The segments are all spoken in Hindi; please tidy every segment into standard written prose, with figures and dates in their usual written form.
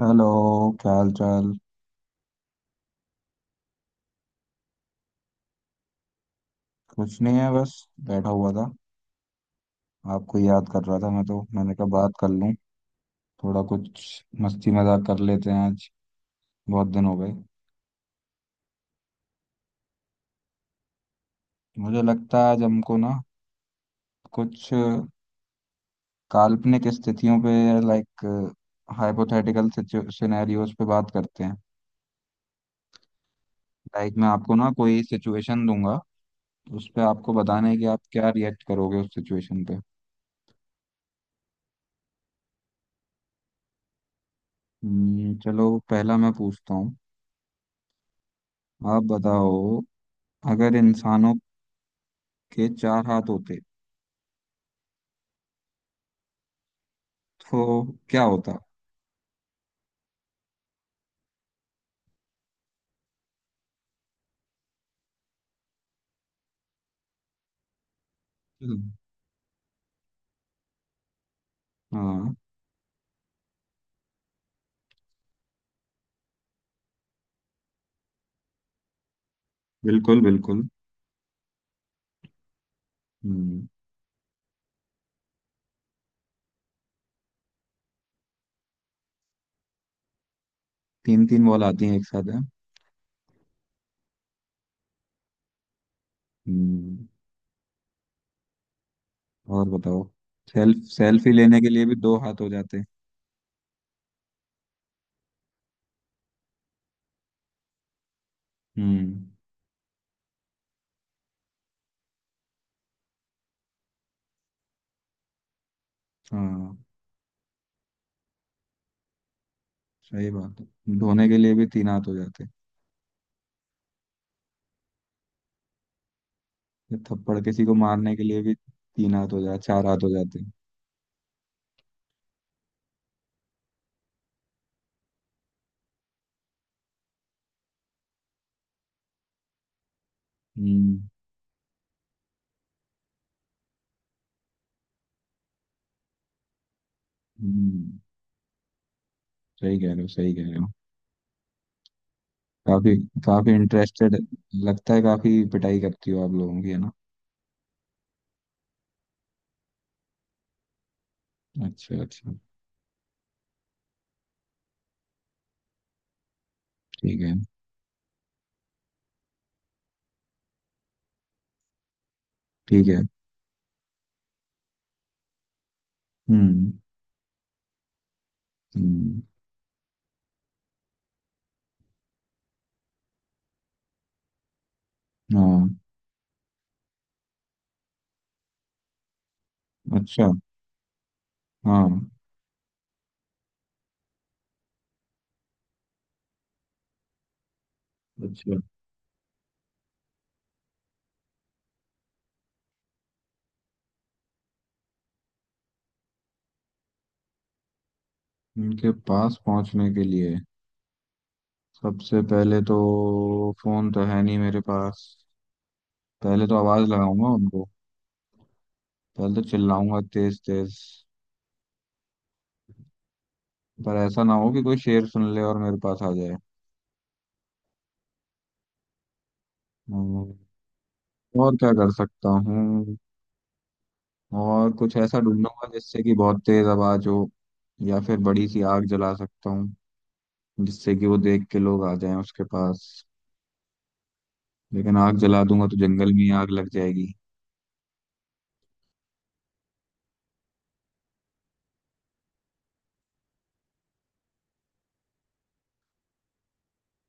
हेलो। क्या हाल चाल। कुछ नहीं है, बस बैठा हुआ था। आपको याद कर रहा था मैं, तो मैंने कहा बात कर लूं। थोड़ा कुछ मस्ती मजाक कर लेते हैं आज, बहुत दिन हो गए। मुझे लगता है आज हमको ना कुछ काल्पनिक स्थितियों पे, लाइक हाइपोथेटिकल सिनेरियोज पे बात करते हैं। लाइक मैं आपको ना कोई सिचुएशन दूंगा, उस पे आपको बताना है कि आप क्या रिएक्ट करोगे उस सिचुएशन पे। चलो पहला मैं पूछता हूँ। आप बताओ, अगर इंसानों के चार हाथ होते तो क्या होता। हम्म, हाँ। बिल्कुल बिल्कुल। हम्म तीन तीन बॉल आती हैं एक साथ है। हम्म और बताओ। सेल्फी लेने के लिए भी दो हाथ हो जाते। हम्म हाँ, सही बात है, धोने के लिए भी तीन हाथ हो जाते। या थप्पड़ किसी को मारने के लिए भी तीन हाथ हो जाते, चार हाथ हो जाते। हम्म हम्म सही कह रहे हो, सही कह रहे हो। काफी काफी इंटरेस्टेड लगता है, काफी पिटाई करती हो आप लोगों की, है ना। अच्छा अच्छा। ठीक है। ठीक है। हम्म हम्म, हाँ। अच्छा। हाँ। अच्छा, उनके पास पहुंचने के लिए सबसे पहले तो फोन तो है नहीं मेरे पास। पहले तो आवाज लगाऊंगा उनको, पहले तो चिल्लाऊंगा तेज तेज। पर ऐसा ना हो कि कोई शेर सुन ले और मेरे पास आ जाए। हम्म, और क्या कर सकता हूँ। और कुछ ऐसा ढूंढूंगा जिससे कि बहुत तेज आवाज हो। या फिर बड़ी सी आग जला सकता हूँ, जिससे कि वो देख के लोग आ जाएं उसके पास। लेकिन आग जला दूंगा तो जंगल में ही आग लग जाएगी।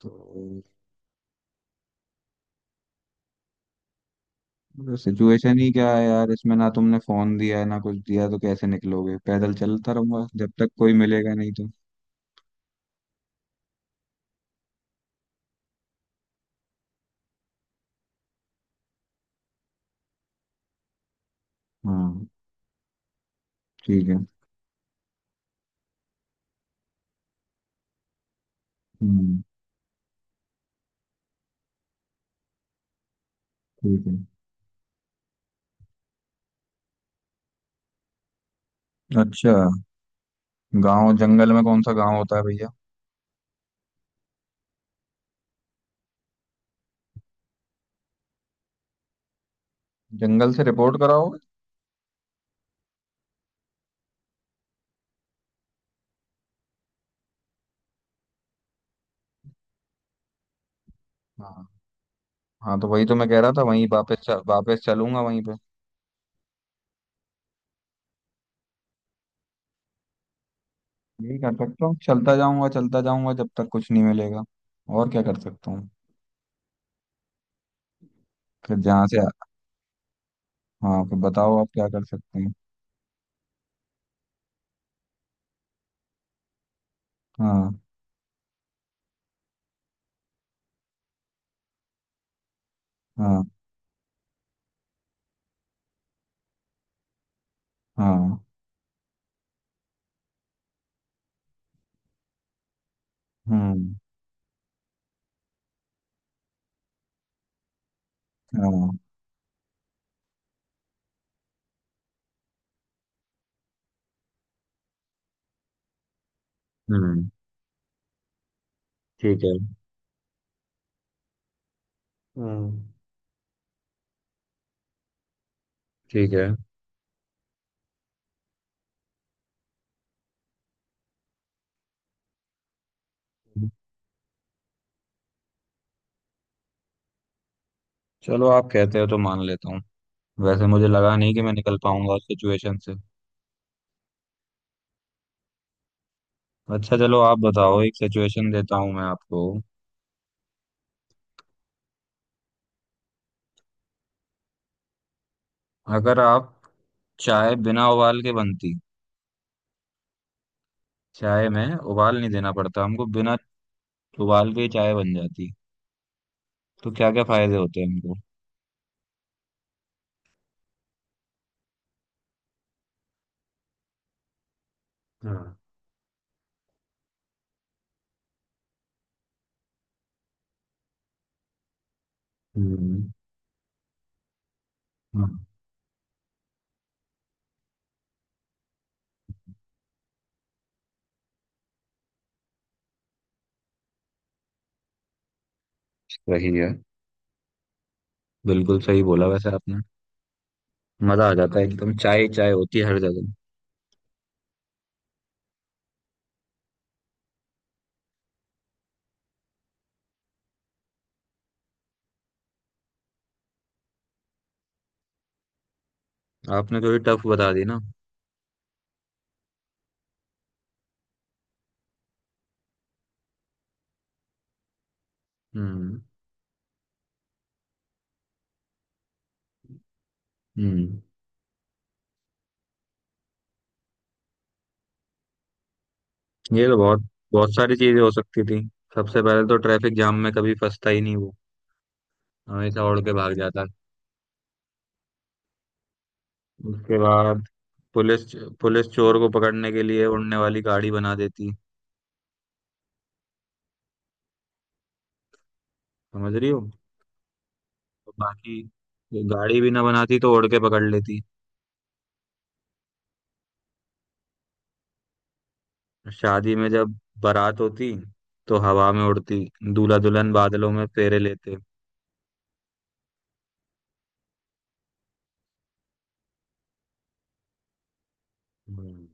तो सिचुएशन ही क्या है यार इसमें, ना तुमने फोन दिया है ना कुछ दिया, तो कैसे निकलोगे। पैदल चलता रहूंगा जब तक कोई मिलेगा नहीं तो। हाँ ठीक है। हम्म ठीक है। अच्छा, गांव जंगल में कौन सा गांव होता है भैया। जंगल से रिपोर्ट कराओगे। हाँ, हाँ तो वही तो मैं कह रहा था, वहीं वापस वापस चलूंगा वहीं पे। यही कर सकता हूँ, चलता जाऊंगा जब तक कुछ नहीं मिलेगा। और क्या कर सकता हूँ। फिर जहाँ से, हाँ फिर बताओ आप क्या कर सकते हैं। हाँ हाँ हाँ। हम्म हाँ। हम्म ठीक है। हम्म ठीक है। चलो आप कहते हो तो मान लेता हूँ, वैसे मुझे लगा नहीं कि मैं निकल पाऊंगा उस सिचुएशन से। अच्छा, चलो आप बताओ, एक सिचुएशन देता हूँ मैं आपको। अगर आप, चाय बिना उबाल के बनती, चाय में उबाल नहीं देना पड़ता हमको, बिना उबाल के ही चाय बन जाती, तो क्या क्या फायदे होते हैं हमको। हाँ। हम्म हाँ, सही है। बिल्कुल सही बोला वैसे आपने, मजा आ जाता है एकदम, चाय ही चाय होती है हर जगह। आपने तो ये टफ बता दी ना। हम्म हम्म ये तो बहुत, बहुत सारी चीजें हो सकती थी। सबसे पहले तो ट्रैफिक जाम में कभी फंसता ही नहीं वो, हमेशा उड़ के भाग जाता। उसके बाद, पुलिस पुलिस चोर को पकड़ने के लिए उड़ने वाली गाड़ी बना देती। समझ रही हो। और बाकी, ये गाड़ी भी ना बनाती तो उड़ के पकड़ लेती। शादी में जब बारात होती तो हवा में उड़ती, दूल्हा दुल्हन बादलों में फेरे लेते। हम्म,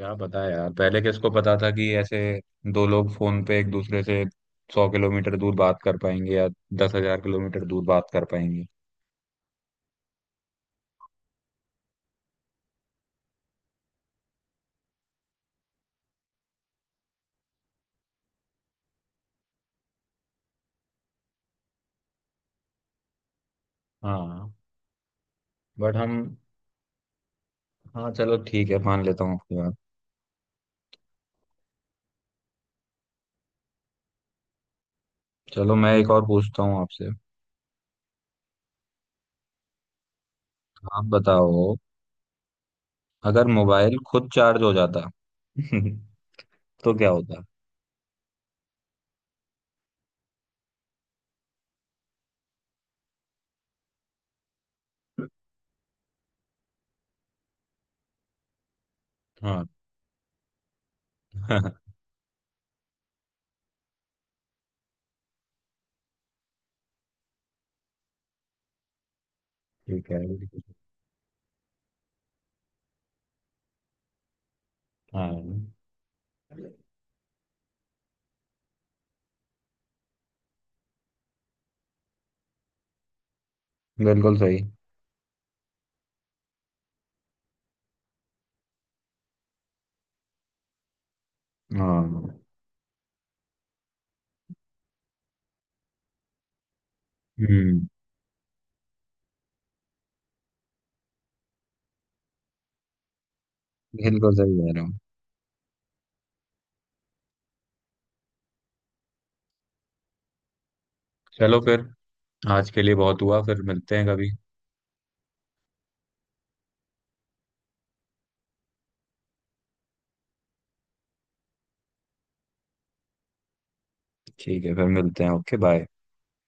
क्या पता है यार, पहले किसको पता था कि ऐसे दो लोग फोन पे एक दूसरे से 100 किलोमीटर दूर बात कर पाएंगे, या 10,000 किलोमीटर दूर बात कर पाएंगे। हाँ। बट हम हाँ चलो ठीक है मान लेता हूँ आपकी बात। चलो मैं एक और पूछता हूँ आपसे। आप बताओ, अगर मोबाइल खुद चार्ज हो जाता तो क्या होता। हाँ। ठीक है। हाँ बिल्कुल सही। हाँ। हम्म बिल्कुल सही कह रहे हो। चलो फिर, आज के लिए बहुत हुआ, फिर मिलते हैं कभी। ठीक है, फिर मिलते हैं, ओके बाय।